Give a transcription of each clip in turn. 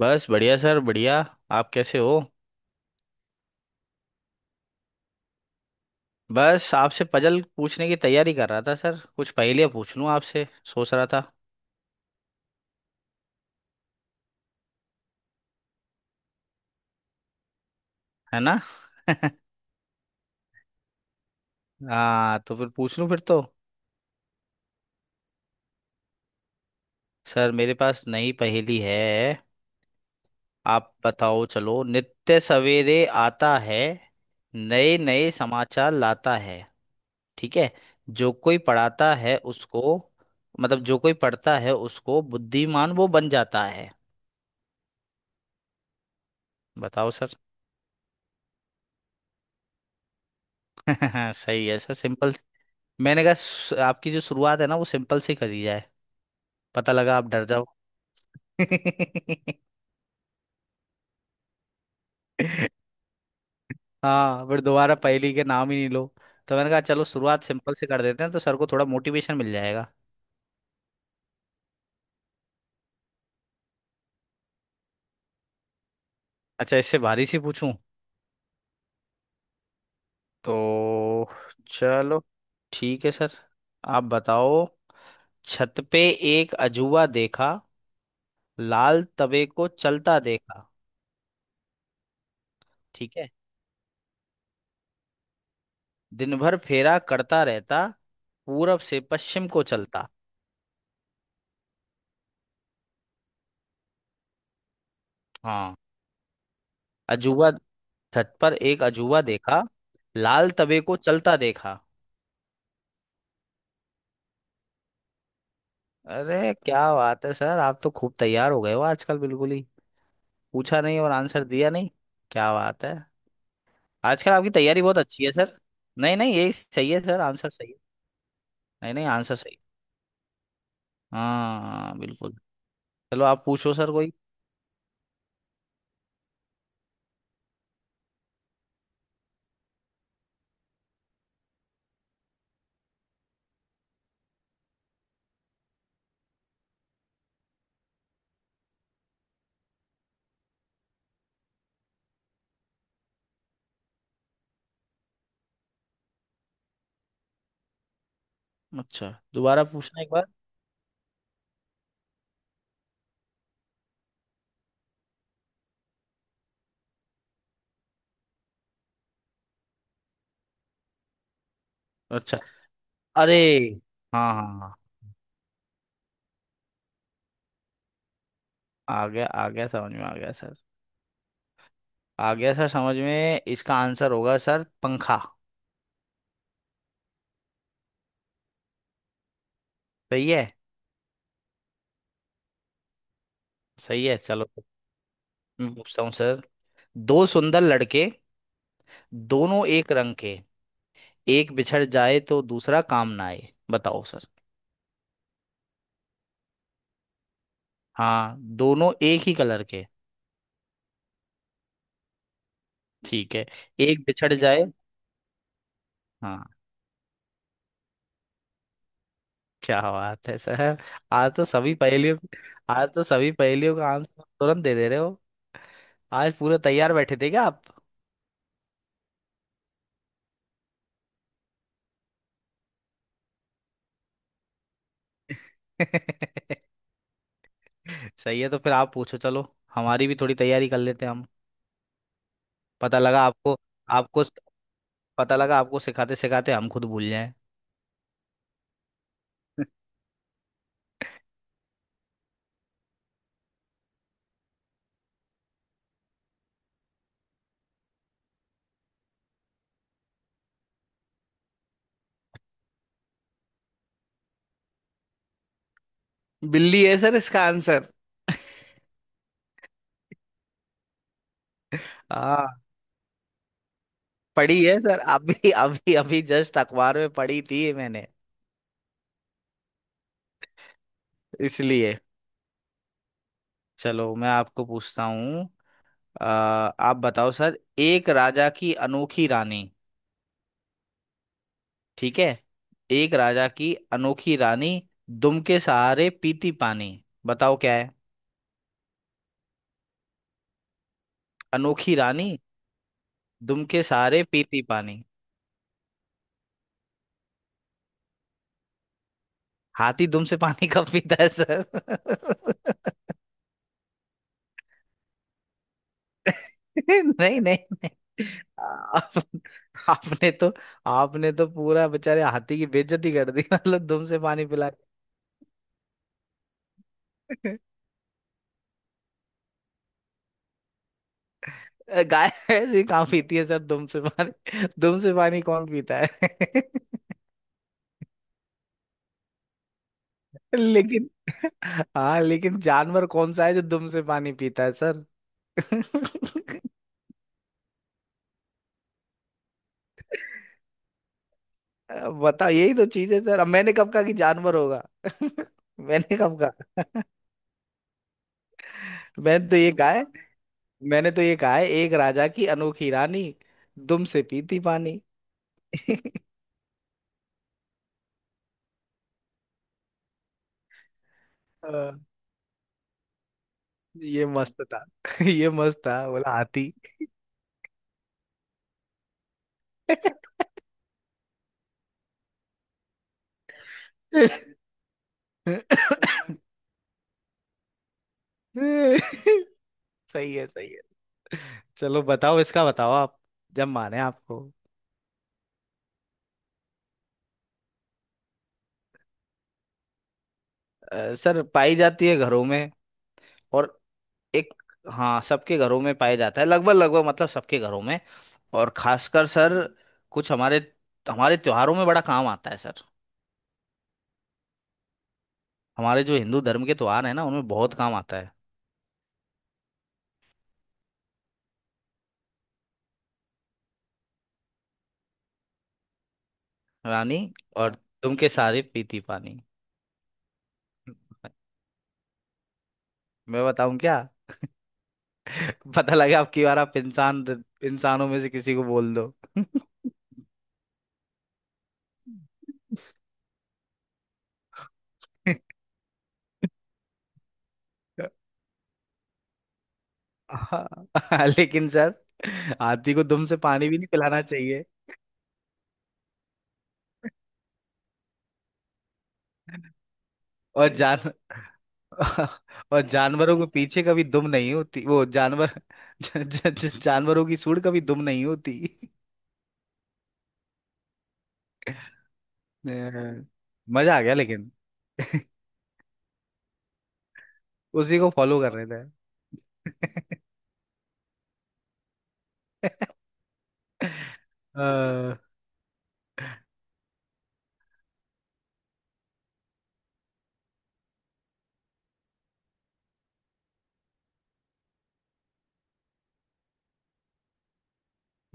बस बढ़िया सर बढ़िया। आप कैसे हो? बस आपसे पजल पूछने की तैयारी कर रहा था सर, कुछ पहेलियाँ पूछ लूँ आपसे, सोच रहा था। है ना। हाँ, तो फिर पूछ लूँ फिर तो। सर मेरे पास नई पहेली है। आप बताओ, चलो। नित्य सवेरे आता है, नए नए समाचार लाता है। ठीक है। जो कोई पढ़ाता है उसको, जो कोई पढ़ता है उसको बुद्धिमान वो बन जाता है। बताओ सर। सही है सर, सिंपल। मैंने कहा "स- आपकी जो शुरुआत है ना वो सिंपल सी करी जाए, पता लगा आप डर जाओ। हाँ, फिर दोबारा पहेली के नाम ही नहीं लो, तो मैंने कहा चलो शुरुआत सिंपल से कर देते हैं तो सर को थोड़ा मोटिवेशन मिल जाएगा। अच्छा, इससे भारी सी पूछूं। तो चलो। ठीक है सर, आप बताओ। छत पे एक अजूबा देखा, लाल तवे को चलता देखा। ठीक है। दिन भर फेरा करता रहता, पूरब से पश्चिम को चलता। हाँ। अजूबा। छत पर एक अजूबा देखा, लाल तवे को चलता देखा। अरे क्या बात है सर, आप तो खूब तैयार हो गए हो आजकल बिल्कुल ही। पूछा नहीं और आंसर दिया नहीं। क्या बात है, आजकल आपकी तैयारी बहुत अच्छी है सर। नहीं नहीं, यही सही है सर, आंसर सही है। नहीं नहीं, आंसर सही है। हाँ बिल्कुल। चलो आप पूछो सर कोई। अच्छा, दोबारा पूछना एक बार। अच्छा। अरे, हाँ हाँ हाँ हाँ। आ गया आ गया, समझ में आ गया सर। आ गया सर समझ में, इसका आंसर होगा सर पंखा। सही है, सही है। चलो, मैं पूछता हूँ सर। दो सुंदर लड़के, दोनों एक रंग के, एक बिछड़ जाए तो दूसरा काम ना आए। बताओ सर। हाँ, दोनों एक ही कलर के। ठीक है। एक बिछड़ जाए। हाँ। क्या बात है सर। आज तो सभी पहेलियों आज तो सभी पहेलियों का आंसर तुरंत दे दे रहे हो। आज पूरे तैयार बैठे थे क्या आप? सही है, तो फिर आप पूछो चलो। हमारी भी थोड़ी तैयारी कर लेते हैं हम। पता लगा आपको आपको पता लगा आपको सिखाते सिखाते हम खुद भूल जाएं। बिल्ली है सर इसका आंसर। हाँ पढ़ी है सर, अभी अभी अभी जस्ट अखबार में पढ़ी थी ये मैंने, इसलिए। चलो मैं आपको पूछता हूँ। अ, आप बताओ सर, एक राजा की अनोखी रानी। ठीक है। एक राजा की अनोखी रानी, दुम के सहारे पीती पानी। बताओ क्या है। अनोखी रानी, दुम के सहारे पीती पानी। हाथी दुम से पानी कब पीता है सर? नहीं नहीं नहीं। आप, आपने तो आपने तो पूरा बेचारे हाथी की बेइज्जती कर दी, मतलब दुम से पानी पिला के। गाय ऐसी कहाँ पीती है सर दुम से पानी? दुम से पानी कौन पीता है? लेकिन, हाँ लेकिन जानवर कौन सा है जो दुम से पानी पीता है सर? अब बताओ, यही तो चीज है सर, अब मैंने कब कहा कि जानवर होगा? मैंने कब कहा? मैंने तो ये कहा, मैंने तो ये कहा है, एक राजा की अनोखी रानी, दुम से पीती पानी। अ, ये मस्त था। ये मस्त था, बोला हाथी। सही है, सही है। चलो बताओ इसका, बताओ आप। जब माने आपको। सर पाई जाती है घरों में, और एक, हाँ सबके घरों में पाया जाता है लगभग लगभग, मतलब सबके घरों में। और खासकर सर, कुछ हमारे हमारे त्योहारों में बड़ा काम आता है सर। हमारे जो हिंदू धर्म के त्योहार है ना उनमें बहुत काम आता है। रानी, और हाँ, तुम के सारे पीती पानी। मैं बताऊं क्या? पता लगा अब की बार आप इंसान, इंसानों में से किसी को बोल दो। हाँ, लेकिन सर हाथी को दुम से पानी भी नहीं पिलाना चाहिए। और अरे जान और जानवरों के पीछे कभी दुम नहीं होती वो जानवर। जानवरों की सूंड कभी दुम नहीं होती। अ, मजा आ गया लेकिन। उसी को फॉलो कर रहे थे। अ,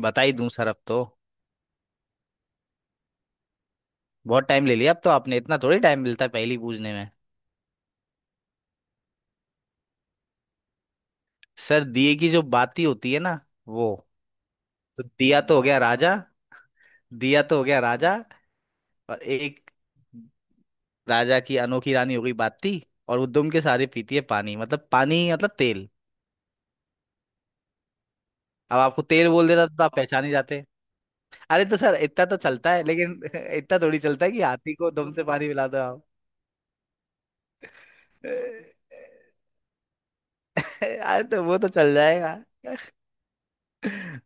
बता ही दूं सर अब तो, बहुत टाइम ले लिया अब तो आपने, इतना थोड़ी टाइम मिलता है पहेली पूछने में। सर दिए की जो बाती होती है ना वो, तो दिया तो हो गया राजा। दिया तो हो गया राजा, और एक राजा की अनोखी रानी हो गई बाती, और वो दुम के सहारे पीती है पानी, मतलब पानी मतलब तेल। अब आपको तेल बोल देता तो आप पहचान ही जाते। अरे तो सर इतना तो चलता है लेकिन इतना थोड़ी चलता है कि हाथी को दुम से पानी पिला दो आप। अरे तो वो तो चल जाएगा।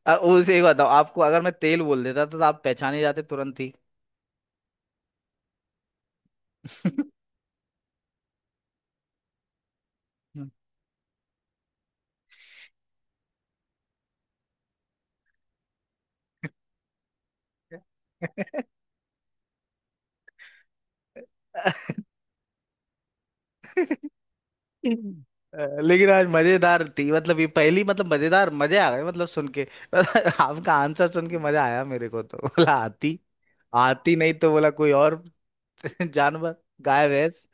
उसे एक बताओ आपको, अगर मैं तेल बोल देता तो आप पहचाने जाते तुरंत ही। लेकिन आज मजेदार थी, मतलब ये पहली मतलब मजेदार, मजे आ गए मतलब सुन के। आपका आंसर सुन के मजा आया मेरे को, तो बोला हाथी, हाथी नहीं तो बोला कोई और जानवर, गाय भैंस।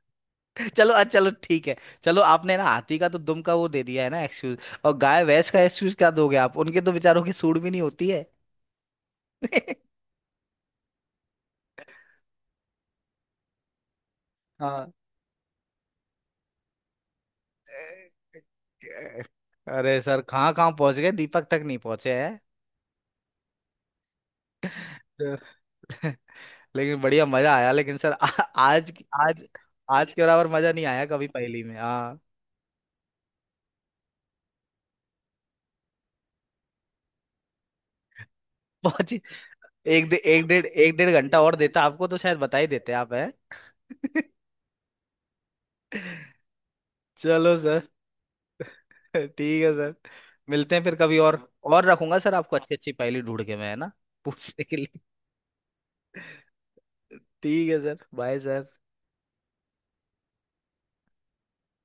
चलो अच्छा, चलो ठीक है। चलो आपने ना हाथी का तो दुम का वो दे दिया है ना एक्सक्यूज, और गाय भैंस का एक्सक्यूज क्या दोगे आप, उनके तो बेचारों की सूढ़ भी नहीं होती है। हाँ। अरे सर कहाँ कहाँ पहुंच गए, दीपक तक नहीं पहुंचे हैं। लेकिन बढ़िया मजा आया, लेकिन सर आज, आज के बराबर मजा नहीं आया कभी पहली में, हाँ। पहुंची। एक डेढ़ घंटा और देता आपको तो शायद बता ही देते आप हैं। चलो सर। ठीक है सर, मिलते हैं फिर कभी और, और रखूंगा सर आपको अच्छी अच्छी पहेली ढूंढ के मैं, है ना, पूछने के लिए। ठीक है सर, बाय सर।